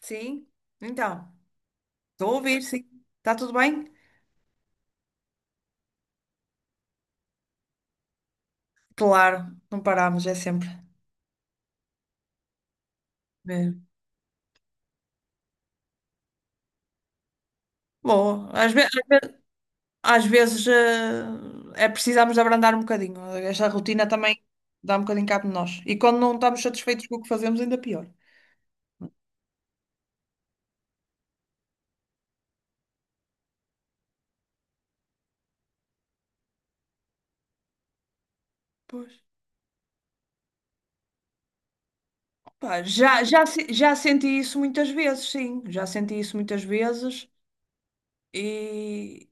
Sim, então, estou a ouvir, sim. Está tudo bem? Claro, não paramos, é sempre. Mesmo. Bom, às vezes, é precisamos de abrandar um bocadinho. Esta rotina também dá um bocadinho cabo de nós. E quando não estamos satisfeitos com o que fazemos, ainda pior. Pois. Pá, já, já, se- já senti isso muitas vezes, sim. Já senti isso muitas vezes. E,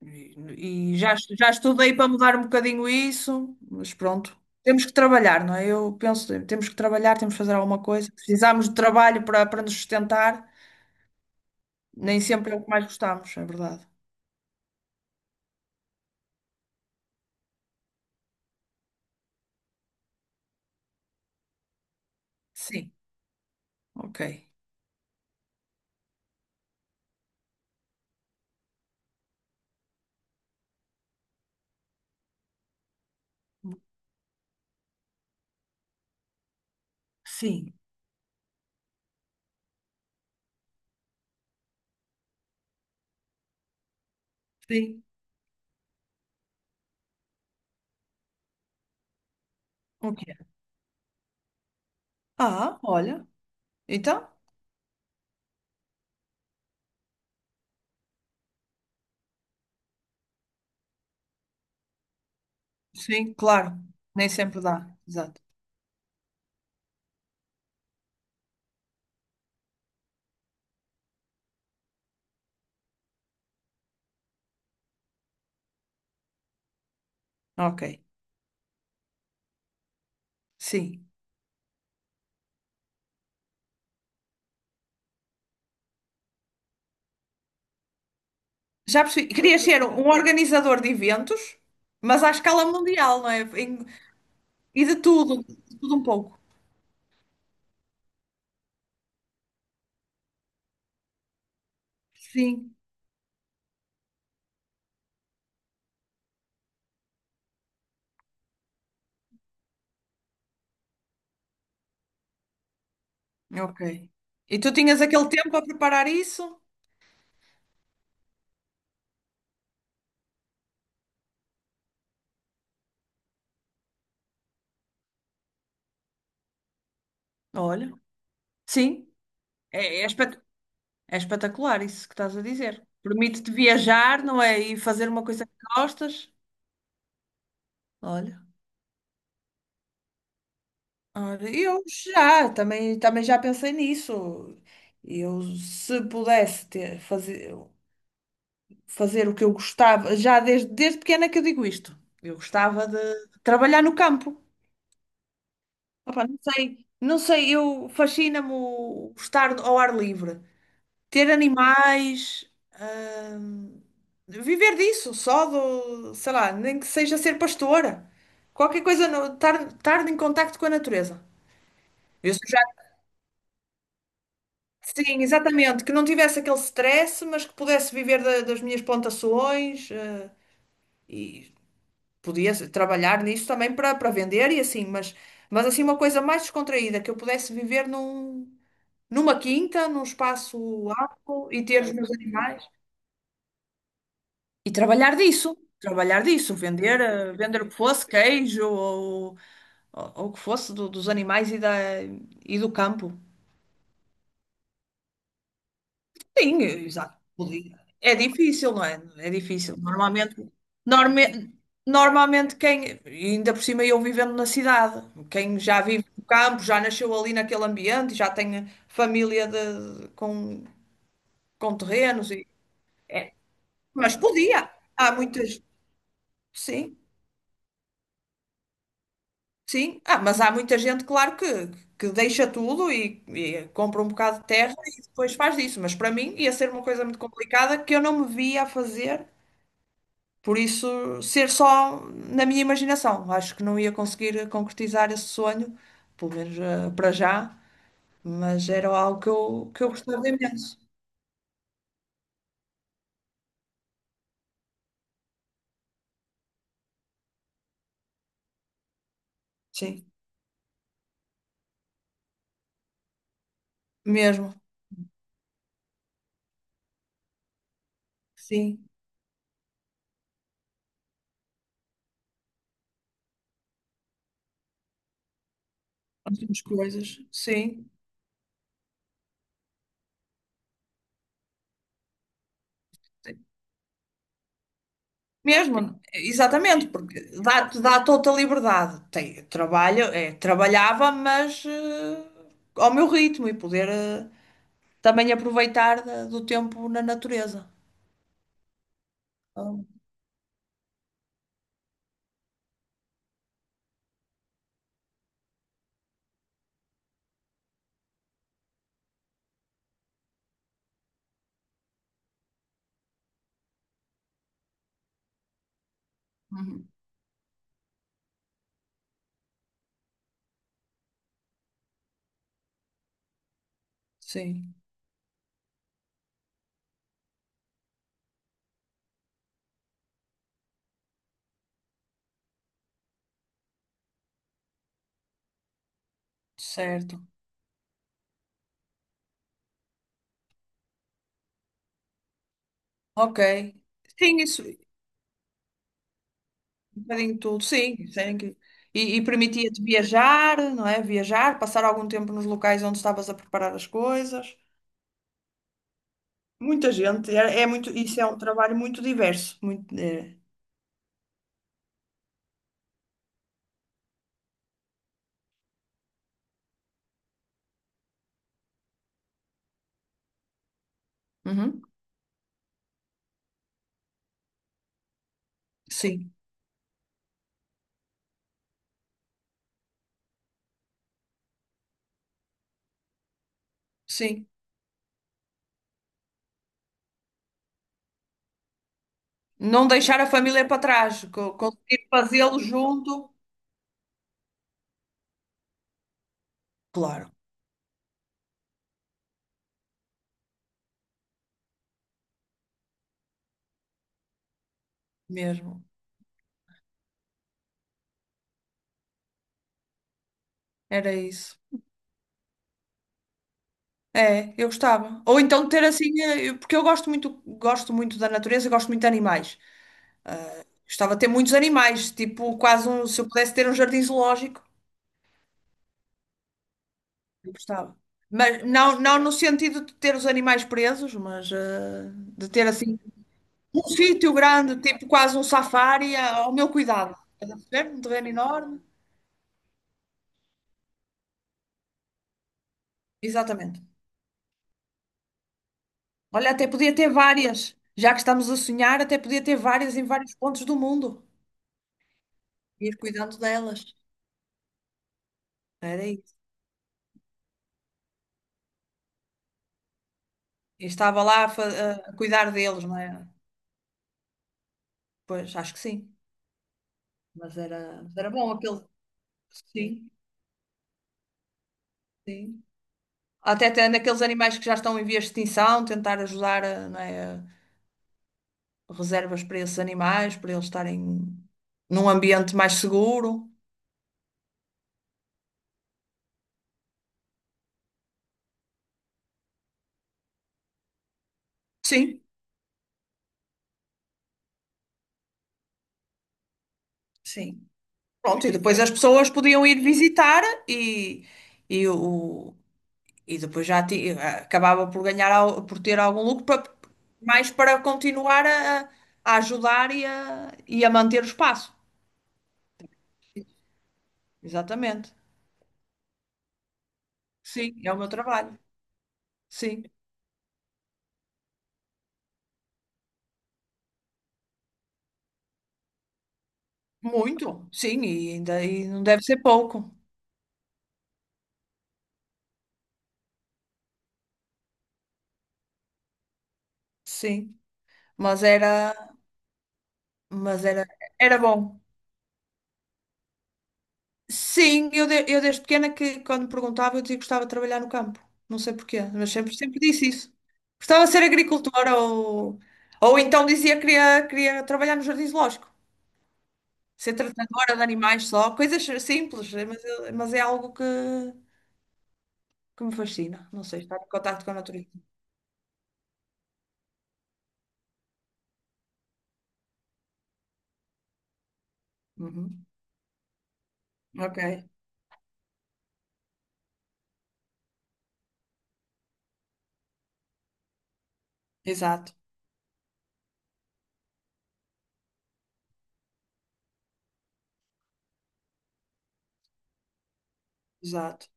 Já estudei para mudar um bocadinho isso, mas pronto. Temos que trabalhar, não é? Eu penso, temos que trabalhar, temos que fazer alguma coisa. Precisamos de trabalho para nos sustentar. Nem sempre é o que mais gostamos, é verdade. Sim, ok. Sim, sim. Ok. Ah, olha. Então, sim, claro. Nem sempre dá. Exato. Ok. Sim. Já percebi. Querias ser um organizador de eventos, mas à escala mundial, não é? Em- e de tudo um pouco. Sim. Ok. E tu tinhas aquele tempo a preparar isso? Olha, sim, é, é espet- é espetacular isso que estás a dizer. Permite-te viajar, não é? E fazer uma coisa que gostas. Olha, olha, eu já, também já pensei nisso. Eu, se pudesse ter, fazer, fazer o que eu gostava, desde pequena que eu digo isto. Eu gostava de trabalhar no campo. Opa, não sei, eu fascina-me o estar ao ar livre. Ter animais, hum, viver disso, só do, sei lá, nem que seja ser pastora, qualquer coisa, no- estar em contacto com a natureza. Eu sou já, sim, exatamente, que não tivesse aquele stress, mas que pudesse viver da- das minhas plantações, e podia trabalhar nisso também para vender e assim, mas assim uma coisa mais descontraída, que eu pudesse viver num, numa quinta, num espaço amplo e ter os meus animais. E trabalhar disso, vender, vender o que fosse, queijo ou, ou o que fosse do- dos animais e, da, e do campo. Sim, exato. Podia. É difícil, não é? É difícil. Normalmente, norme, normalmente quem, e ainda por cima eu vivendo na cidade, quem já vive no campo, já nasceu ali naquele ambiente, já tem família de- com terrenos, e, mas podia. Há muitas, sim. Sim, ah, mas há muita gente, claro, que deixa tudo e compra um bocado de terra e depois faz disso. Mas para mim ia ser uma coisa muito complicada que eu não me via a fazer, por isso ser só na minha imaginação. Acho que não ia conseguir concretizar esse sonho, pelo menos para já, mas era algo que eu gostava imenso. Sim, mesmo, sim. Nós temos coisas, sim. Mesmo, exatamente, porque dá-te dá toda a liberdade. Tem, trabalho, é, trabalhava, mas ao meu ritmo e poder também aproveitar da- do tempo na natureza. Então, uhum, sim, certo. Ok. Sim, isso, um bocadinho tudo, sim. Isso é incrível. E permitia-te viajar, não é? Viajar, passar algum tempo nos locais onde estavas a preparar as coisas. Muita gente, é, é muito, isso é um trabalho muito diverso, muito, é. Uhum, sim. Sim. Não deixar a família para trás, co- conseguir fazê-lo junto. Claro, mesmo. Era isso. É, eu gostava. Ou então ter assim, eu- porque eu gosto muito da natureza, gosto muito de animais. Gostava de ter muitos animais, tipo quase um, se eu pudesse ter um jardim zoológico, eu gostava. Mas não, não no sentido de ter os animais presos, mas de ter assim um sítio grande, tipo quase um safari, a- ao meu cuidado. Estás a perceber? Um terreno enorme. Exatamente. Olha, até podia ter várias. Já que estamos a sonhar, até podia ter várias em vários pontos do mundo. Ir cuidando delas. Era isso. Eu estava lá a, fa- a cuidar deles, não é? Pois, acho que sim. Mas era bom aquele. Sim, sim. Até tendo aqueles animais que já estão em vias de extinção, tentar ajudar, a, não é, a reservas para esses animais, para eles estarem num ambiente mais seguro. Sim. Sim. Pronto, e depois as pessoas podiam ir visitar e o, e depois já ti- acabava por ganhar, al- por ter algum lucro, pa- mais para continuar a ajudar e a manter o espaço. Exatamente. Sim, é o meu trabalho. Sim, muito. Sim, e ainda e não deve ser pouco. Sim, mas era, mas era, era bom. Sim, eu, de- eu desde pequena que quando me perguntava eu dizia que gostava de trabalhar no campo. Não sei porquê, mas sempre, sempre disse isso. Gostava de ser agricultora ou então dizia que queria, queria trabalhar no jardim zoológico. Ser tratadora de animais só, coisas simples, mas, eu- mas é algo que me fascina. Não sei, estar em contato com a natureza. Uhum. Ok, exato, exato.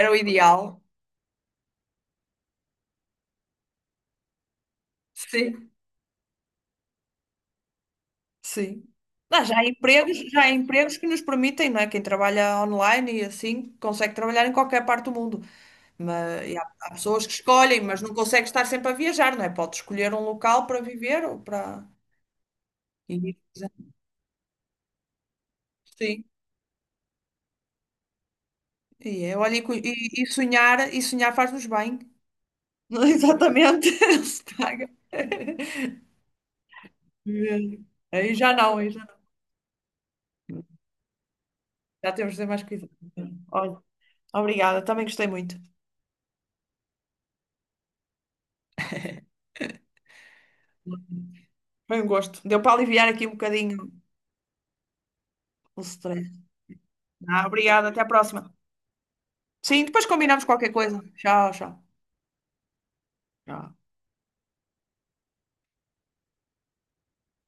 Era o ideal. Sim. Sim. Ah, já há empregos que nos permitem, não é? Quem trabalha online e assim consegue trabalhar em qualquer parte do mundo. Mas, e há, há pessoas que escolhem, mas não consegue estar sempre a viajar, não é? Pode escolher um local para viver ou para e- sim. E, é, olha, e, cu- e sonhar faz-nos bem. Não, exatamente. Não se paga. Mesmo. Aí já não. Já temos de ter mais cuidado. Olha, obrigada, também gostei muito. Foi um gosto. Deu para aliviar aqui um bocadinho o stress. Ah, obrigada, até à próxima. Sim, depois combinamos qualquer coisa. Tchau, tchau. Tchau.